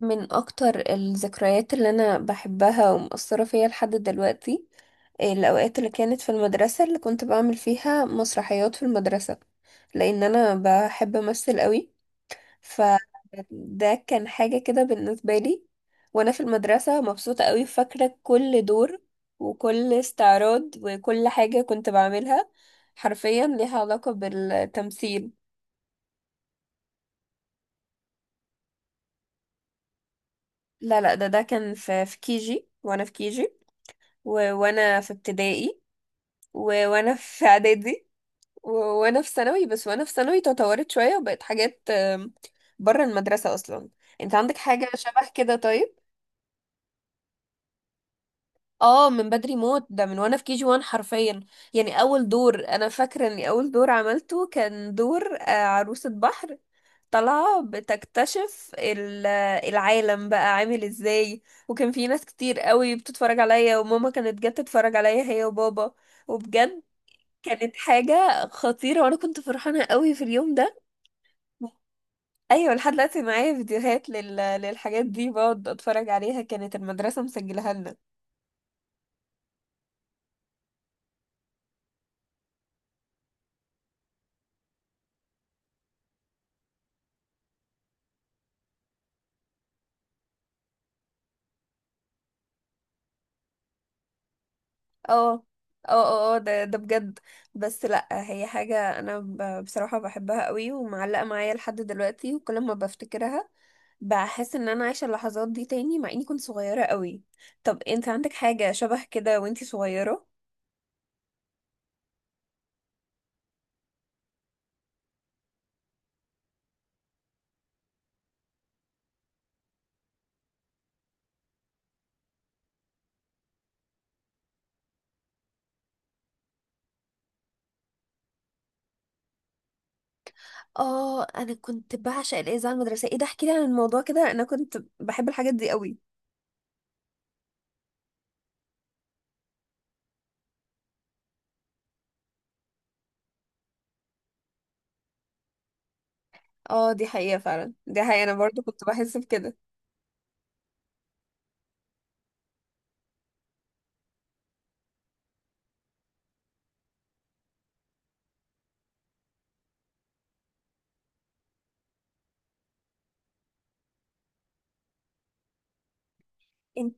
من اكتر الذكريات اللي انا بحبها ومؤثرة فيا لحد دلوقتي، الاوقات اللي كانت في المدرسة اللي كنت بعمل فيها مسرحيات في المدرسة، لان انا بحب امثل قوي. فده كان حاجة كده بالنسبة لي وانا في المدرسة، مبسوطة قوي، فاكرة كل دور وكل استعراض وكل حاجة كنت بعملها حرفيا ليها علاقة بالتمثيل. لا لا، ده كان في كيجي وانا في كيجي وانا في ابتدائي وانا في اعدادي وانا في ثانوي، بس وانا في ثانوي تطورت شوية وبقت حاجات بره المدرسة اصلا. انت عندك حاجة شبه كده؟ طيب. اه، من بدري موت، ده من وانا في كي جي 1 حرفيا. يعني اول دور، انا فاكرة اني اول دور عملته كان دور عروسة بحر طالعة بتكتشف العالم بقى عامل ازاي. وكان في ناس كتير قوي بتتفرج عليا، وماما كانت جت تتفرج عليا هي وبابا، وبجد كانت حاجة خطيرة، وانا كنت فرحانة قوي في اليوم ده. ايوه، لحد دلوقتي معايا فيديوهات للحاجات دي، بقعد اتفرج عليها، كانت المدرسة مسجلها لنا. اه، اه، اه، ده بجد. بس لا، هي حاجة انا بصراحة بحبها قوي، ومعلقة معايا لحد دلوقتي، وكل ما بفتكرها بحس ان انا عايشة اللحظات دي تاني، مع اني كنت صغيرة قوي. طب انت عندك حاجة شبه كده وانتي صغيرة؟ اه، انا كنت بعشق الاذاعه المدرسيه. ايه ده؟ احكي لي عن الموضوع كده، انا كنت بحب الحاجات دي قوي. اه، دي حقيقه فعلا، دي حقيقه، انا برضو كنت بحس بكده. انت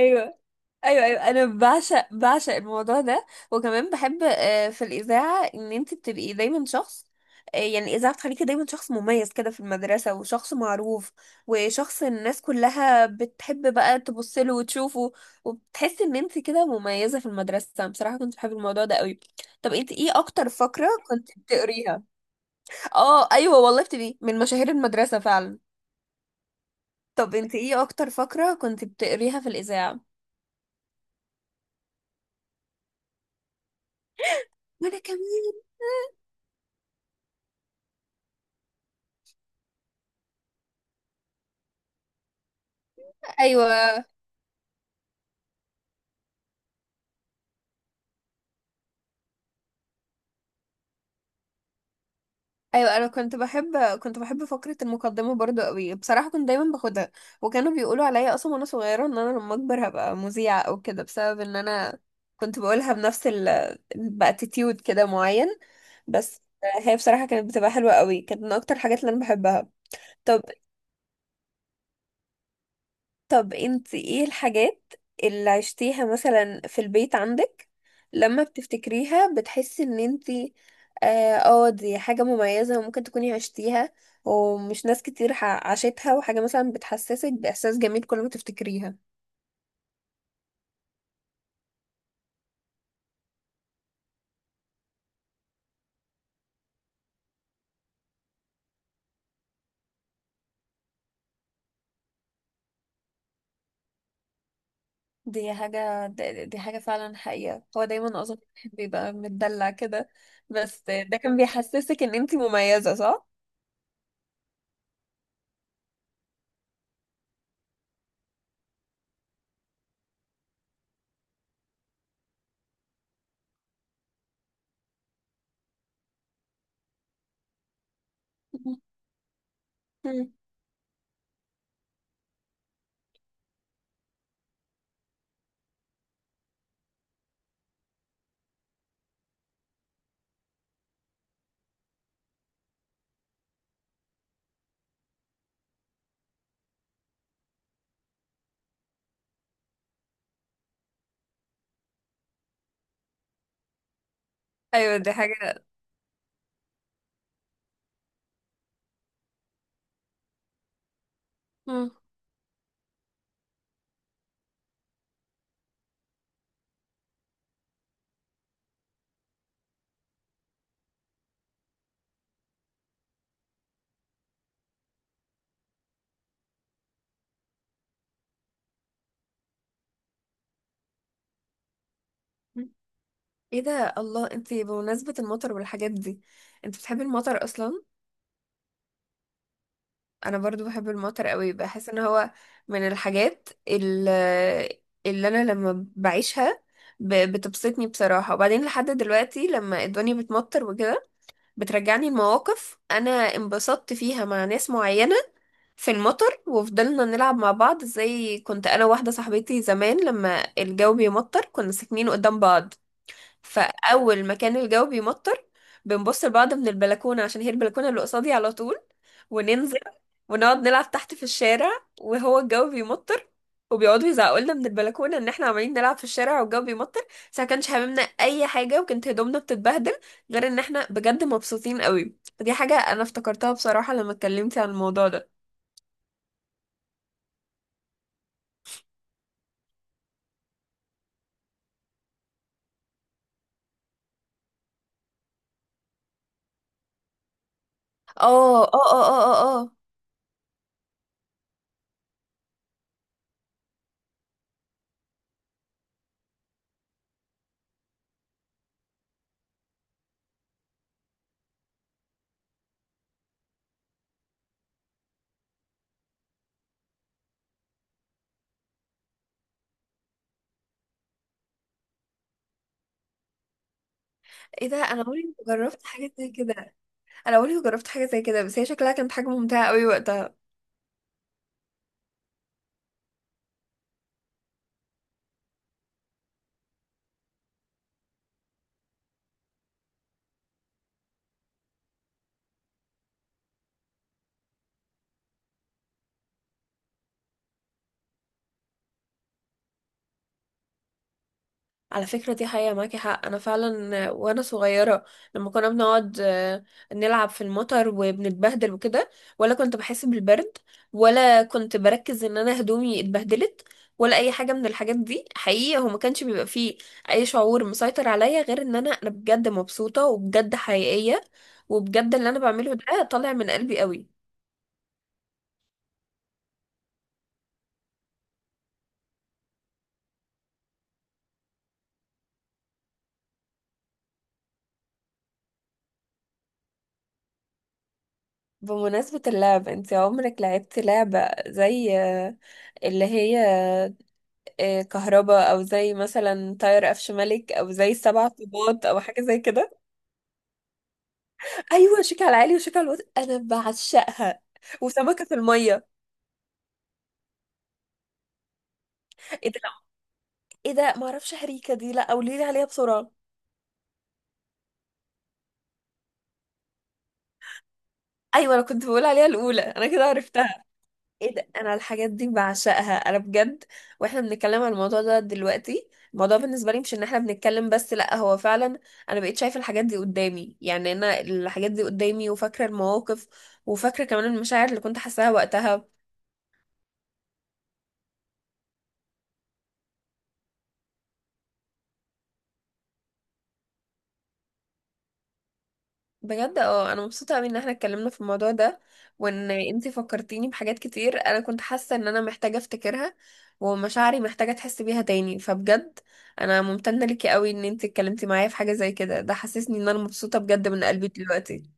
ايوه، ايوه، ايوه، انا بعشق الموضوع ده. وكمان بحب، في الاذاعه ان انت بتبقي دايما شخص. يعني الاذاعه بتخليكي دايما شخص مميز كده في المدرسه، وشخص معروف، وشخص الناس كلها بتحب بقى تبص له وتشوفه، وبتحسي ان انت كده مميزه في المدرسه. بصراحه كنت بحب الموضوع ده قوي. طب انت ايه اكتر فقره كنت بتقريها؟ اه، ايوه والله بتبقي من مشاهير المدرسه فعلا. طب انت ايه اكتر فقره كنت بتقريها في الاذاعه؟ وانا كمان. ايوه، ايوه، انا كنت بحب فقره المقدمه برضو قوي. بصراحه كنت دايما باخدها، وكانوا بيقولوا عليا اصلا وانا صغيره ان انا لما اكبر هبقى مذيعه او كده، بسبب ان انا كنت بقولها بنفس ال باتيتيود كده معين. بس هي بصراحه كانت بتبقى حلوه قوي، كانت من اكتر الحاجات اللي انا بحبها. طب طب انت ايه الحاجات اللي عشتيها مثلا في البيت عندك، لما بتفتكريها بتحسي ان انت اه، دي حاجة مميزة وممكن تكوني عشتيها، ومش ناس كتير عاشتها، وحاجة مثلا بتحسسك بإحساس جميل كل ما تفتكريها؟ دي حاجة، دي حاجة فعلا حقيقة، هو دايما أظن الواحد بيبقى متدلع كده. بس ده كان بيحسسك إن أنتي مميزة، صح؟ مم. أيوة، دي حاجة. مم. ايه ده؟ الله، انتي بمناسبة المطر والحاجات دي، انت بتحبي المطر اصلا؟ انا برضو بحب المطر قوي، بحس ان هو من الحاجات اللي انا لما بعيشها بتبسطني بصراحة. وبعدين لحد دلوقتي لما الدنيا بتمطر وكده، بترجعني لمواقف انا انبسطت فيها مع ناس معينة في المطر وفضلنا نلعب مع بعض. زي كنت انا واحدة صاحبتي زمان لما الجو بيمطر، كنا ساكنين قدام بعض. فاول ما كان الجو بيمطر، بنبص لبعض من البلكونه، عشان هي البلكونه اللي قصادي على طول، وننزل ونقعد نلعب تحت في الشارع وهو الجو بيمطر، وبيقعدوا يزعقوا لنا من البلكونه ان احنا عمالين نلعب في الشارع والجو بيمطر. بس ما كانش هاممنا اي حاجه، وكانت هدومنا بتتبهدل، غير ان احنا بجد مبسوطين قوي. فدي حاجه انا افتكرتها بصراحه لما اتكلمتي عن الموضوع ده. اه، اه، اه، اه، اه، آه. ايه ده؟ انا عمري ما جربت حاجه زي كده. انا عمري ما جربت حاجه زي كده، بس هي شكلها كانت حاجه ممتعه قوي وقتها. على فكرة دي حقيقة، معاكي حق. أنا فعلا، وأنا صغيرة لما كنا بنقعد نلعب في المطر وبنتبهدل وكده، ولا كنت بحس بالبرد، ولا كنت بركز إن أنا هدومي اتبهدلت، ولا أي حاجة من الحاجات دي. حقيقة هو ما كانش بيبقى فيه أي شعور مسيطر عليا غير إن أنا بجد مبسوطة، وبجد حقيقية، وبجد اللي أنا بعمله ده طالع من قلبي قوي. بمناسبة اللعب، انت عمرك لعبتي لعبة زي، اللي هي كهرباء، او زي مثلا تاير قفش ملك، او زي سبع طوبات، او حاجه زي كده؟ ايوه، شيك على العالي وشيك على الوطي، انا بعشقها. وسمكه في الميه. ايه ده؟ لا، ايه ده، ما اعرفش هريكه دي، لا قولي لي عليها بسرعه. ايوه، انا كنت بقول عليها الاولى، انا كده عرفتها. ايه ده؟ انا الحاجات دي بعشقها انا بجد. واحنا بنتكلم عن الموضوع ده دلوقتي، الموضوع بالنسبه لي مش ان احنا بنتكلم بس، لا هو فعلا انا بقيت شايفه الحاجات دي قدامي. يعني انا الحاجات دي قدامي، وفاكره المواقف، وفاكره كمان المشاعر اللي كنت حاساها وقتها. بجد اه، انا مبسوطه قوي ان احنا اتكلمنا في الموضوع ده، وان انتي فكرتيني بحاجات كتير انا كنت حاسه ان انا محتاجه افتكرها، ومشاعري محتاجه تحس بيها تاني. فبجد انا ممتنه ليكي قوي ان انتي اتكلمتي معايا في حاجه زي كده، ده حسسني ان انا مبسوطه بجد من قلبي دلوقتي.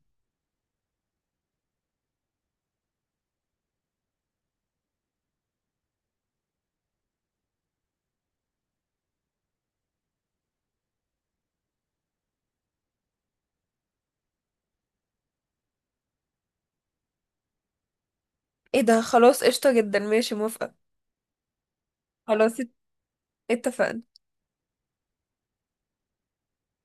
ايه ده؟ خلاص، قشطه جدا، ماشي، موافقه. خلاص، اتفقنا.